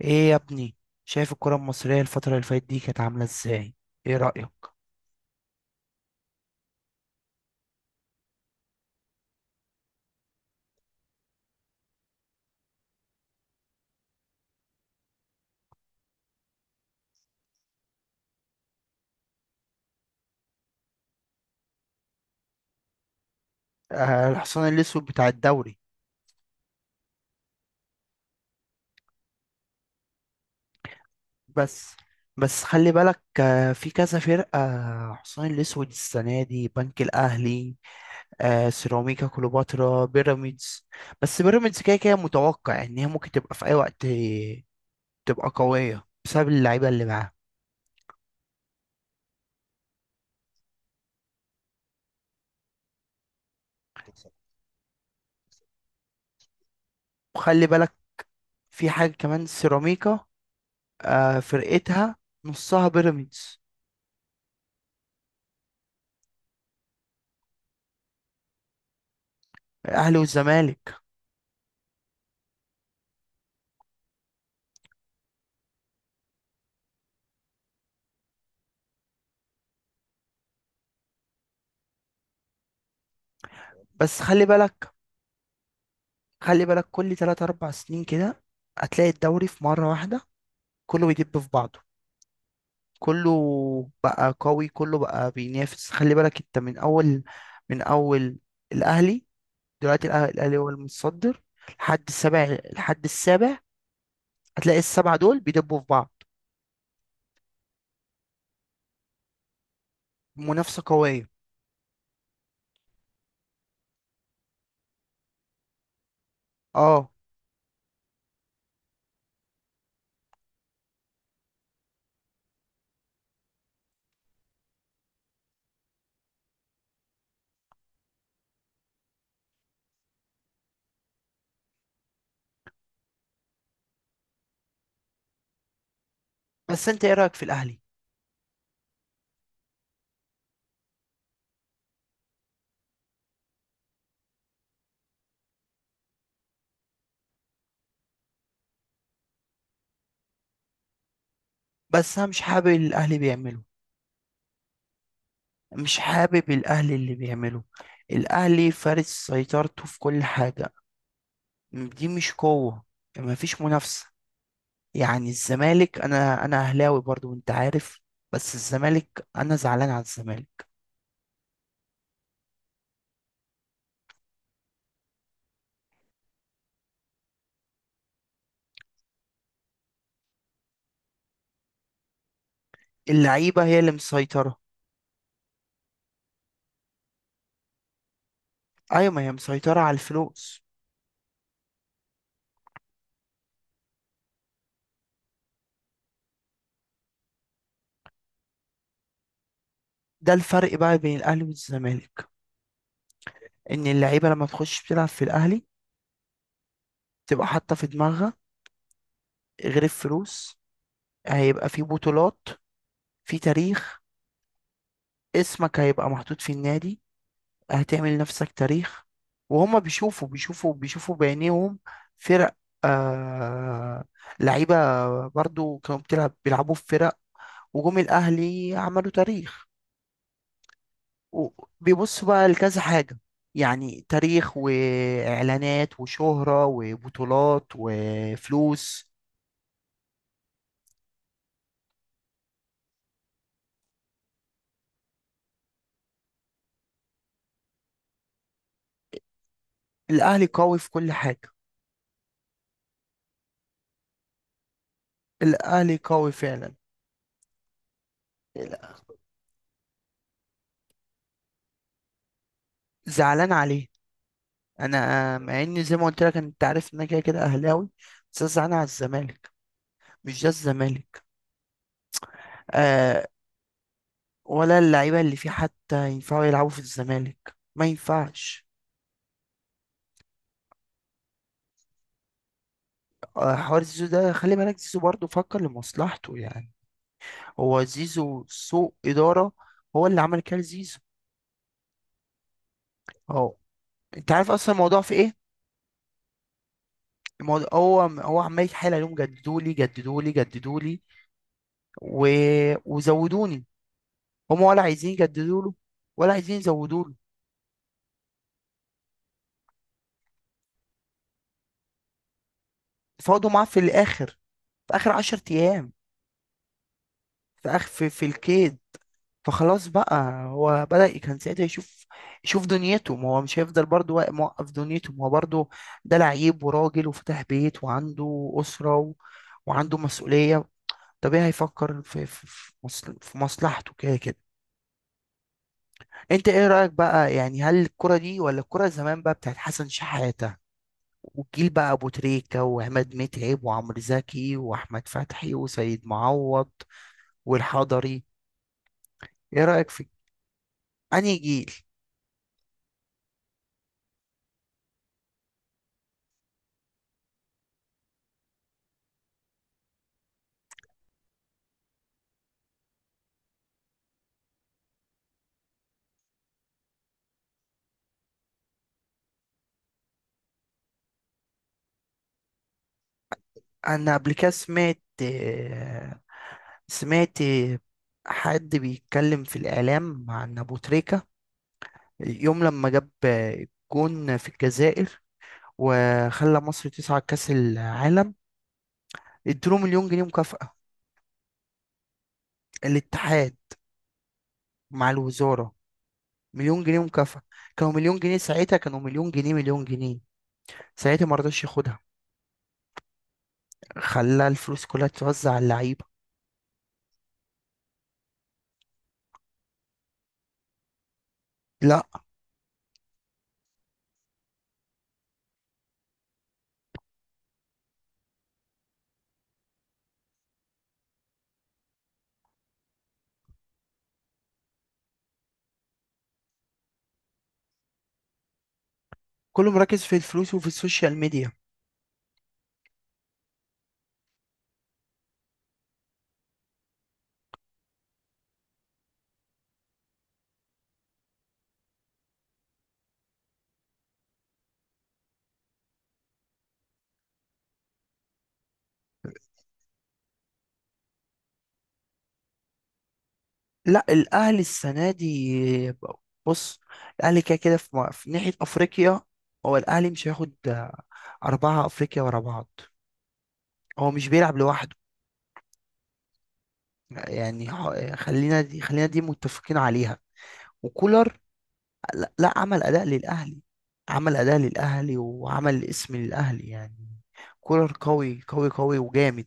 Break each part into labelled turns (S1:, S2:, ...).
S1: ايه يا ابني؟ شايف الكرة المصرية الفترة اللي فاتت دي كانت عاملة ازاي؟ ايه رأيك؟ آه، الحصان الاسود بتاع الدوري. بس بس خلي بالك، في كذا فرقة، حصان الاسود السنة دي بنك الاهلي، آه سيراميكا كليوباترا بيراميدز. بس بيراميدز كده كده متوقع ان هي ممكن تبقى في اي وقت، تبقى قوية بسبب اللعيبة اللي معاها. وخلي بالك، في حاجة كمان سيراميكا، فرقتها نصها بيراميدز. الاهلي والزمالك. بس خلي بالك كل 3 4 سنين كده هتلاقي الدوري في مرة واحدة كله بيدب في بعضه، كله بقى قوي، كله بقى بينافس. خلي بالك انت من اول. الاهلي دلوقتي الاهلي هو المتصدر، لحد السابع هتلاقي السبعة دول بيدبوا في بعض. منافسة قوية. اه، بس انت ايه رأيك في الاهلي؟ بس انا مش حابب اللي الاهلي بيعمله، مش حابب الاهلي اللي بيعمله. الاهلي فارس سيطرته في كل حاجة، دي مش قوة، ما فيش منافسة. يعني الزمالك، انا اهلاوي برضو وانت عارف، بس الزمالك انا زعلان على الزمالك. اللعيبة هي اللي مسيطرة. ايوه، ما هي مسيطرة على الفلوس. ده الفرق بقى بين الاهلي والزمالك، ان اللعيبة لما تخش تلعب في الاهلي تبقى حاطة في دماغها، غير الفلوس هيبقى في بطولات، في تاريخ، اسمك هيبقى محطوط في النادي، هتعمل نفسك تاريخ. وهم بيشوفوا بيشوفوا بيشوفوا بعينيهم فرق، آه، لعيبة برضو كانوا بتلعب بيلعبوا في فرق، وجم الأهلي عملوا تاريخ. وبيبصوا بقى لكذا حاجة، يعني تاريخ وإعلانات وشهرة وبطولات وفلوس. الأهلي قوي في كل حاجة، الأهلي قوي فعلا. زعلان عليه، أنا مع إن زي ما قلت لك، أنت عارف إن أنا كده كده أهلاوي، بس أنا زعلان على الزمالك، مش ده الزمالك. آه، ولا اللعيبة اللي فيه حتى ينفعوا يلعبوا في الزمالك، ما ينفعش. آه، حوار زيزو ده خلي بالك، زيزو برضه فكر لمصلحته يعني. هو زيزو سوء إدارة، هو اللي عمل كده زيزو. اهو، انت عارف اصلا الموضوع في ايه؟ الموضوع، هو عمال يتحايل عليهم، جددولي جددولي جددولي و... وزودوني، هم ولا عايزين يجددوا له، ولا عايزين يزودوا له. فاضوا معاه في الاخر، في اخر 10 ايام، في الكيس. فخلاص بقى، هو بدأ كان ساعتها يشوف، يشوف دنيته، ما هو مش هيفضل برضه موقف دنيته، ما هو برضه ده لعيب وراجل وفتح بيت وعنده أسرة وعنده مسؤولية، طبيعي هيفكر في مصلحته كده كده. انت ايه رأيك بقى، يعني هل الكرة دي ولا الكرة زمان بقى بتاعت حسن شحاتة والجيل بقى ابو تريكة وعماد متعب وعمرو زكي واحمد فتحي وسيد معوض والحضري؟ ايه رأيك في انهي جيل؟ انا قبل كده سمعت، سمعت حد بيتكلم في الاعلام عن ابو تريكة، يوم لما جاب جون في الجزائر وخلى مصر تصعد كاس العالم. ادوا مليون جنيه مكافأة الاتحاد مع الوزارة، مليون جنيه مكافأة. كانوا مليون جنيه ساعتها، كانوا مليون جنيه مليون جنيه ساعتها، ما رضاش ياخدها، خلى الفلوس كلها توزع على اللعيبة. لا، كله مركز في الفلوس وفي السوشيال ميديا. لا الاهلي السنه دي، بص، الاهلي كده كده في ناحيه افريقيا، هو الاهلي مش هياخد اربعه افريقيا ورا بعض، هو مش بيلعب لوحده. يعني خلينا دي متفقين عليها. وكولر، لا عمل اداء للاهلي، عمل اداء للاهلي وعمل اسم للاهلي يعني. كولر قوي قوي قوي وجامد،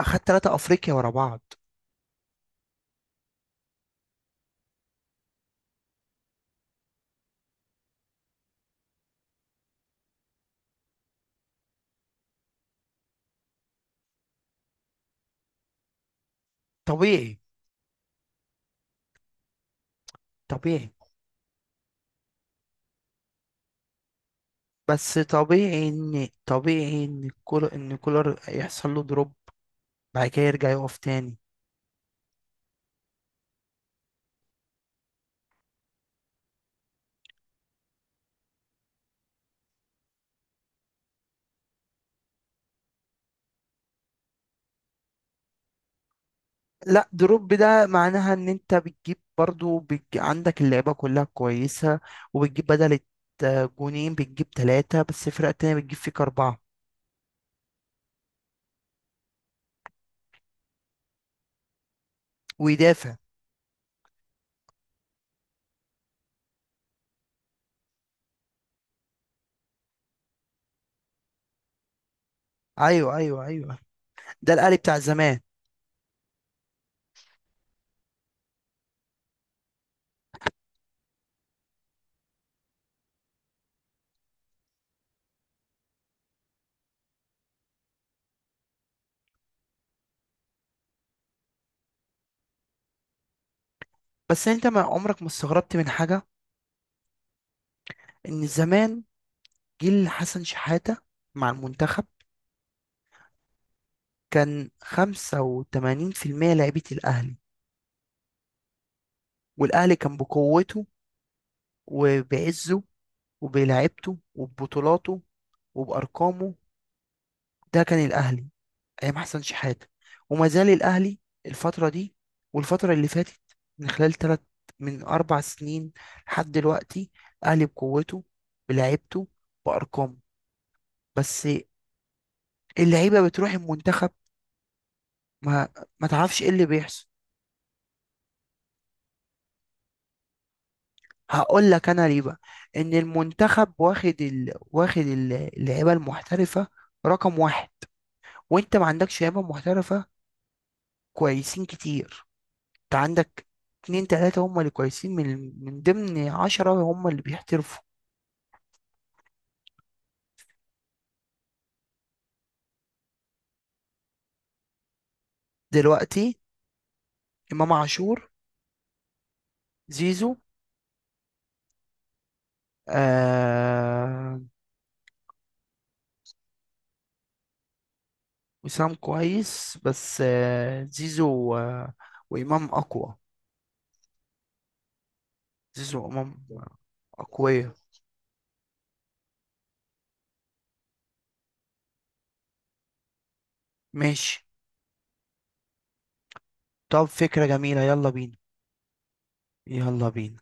S1: اخد ثلاثه افريقيا ورا بعض. طبيعي. طبيعي بس طبيعي ان طبيعي ان كولر ان كولر يحصل له دروب، بعد كده يرجع يقف تاني. لا دروب ده معناها ان انت عندك اللعيبه كلها كويسه، وبتجيب بدل جونين، بتجيب ثلاثه بس الفرقه التانيه بتجيب فيك اربعه. ويدافع. ايوه ايوه ايوه، ده الاهلي بتاع زمان. بس انت ما عمرك ما استغربت من حاجه، ان زمان جيل حسن شحاته مع المنتخب كان 85% لعيبه الاهلي، والاهلي كان بقوته وبعزه وبلعبته وببطولاته وبأرقامه، ده كان الاهلي ايام حسن شحاتة. وما زال الاهلي الفتره دي والفتره اللي فاتت من خلال ثلاث، من اربع سنين لحد دلوقتي، الاهلي بقوته بلعيبته بارقامه. بس اللعيبه بتروح المنتخب، ما ما تعرفش ايه اللي بيحصل. هقول لك انا ليه بقى، ان المنتخب واخد اللعيبه المحترفه رقم واحد، وانت ما عندكش لعيبه محترفه كويسين كتير، انت عندك اتنين تلاتة هم اللي كويسين من ضمن عشرة هم اللي بيحترفوا. دلوقتي إمام عاشور، زيزو، آه. وسام كويس، بس آه زيزو، آه، وإمام أقوى. زيزو وإمام أقوياء. ماشي، طب فكرة جميلة، يلا بينا، يلا بينا.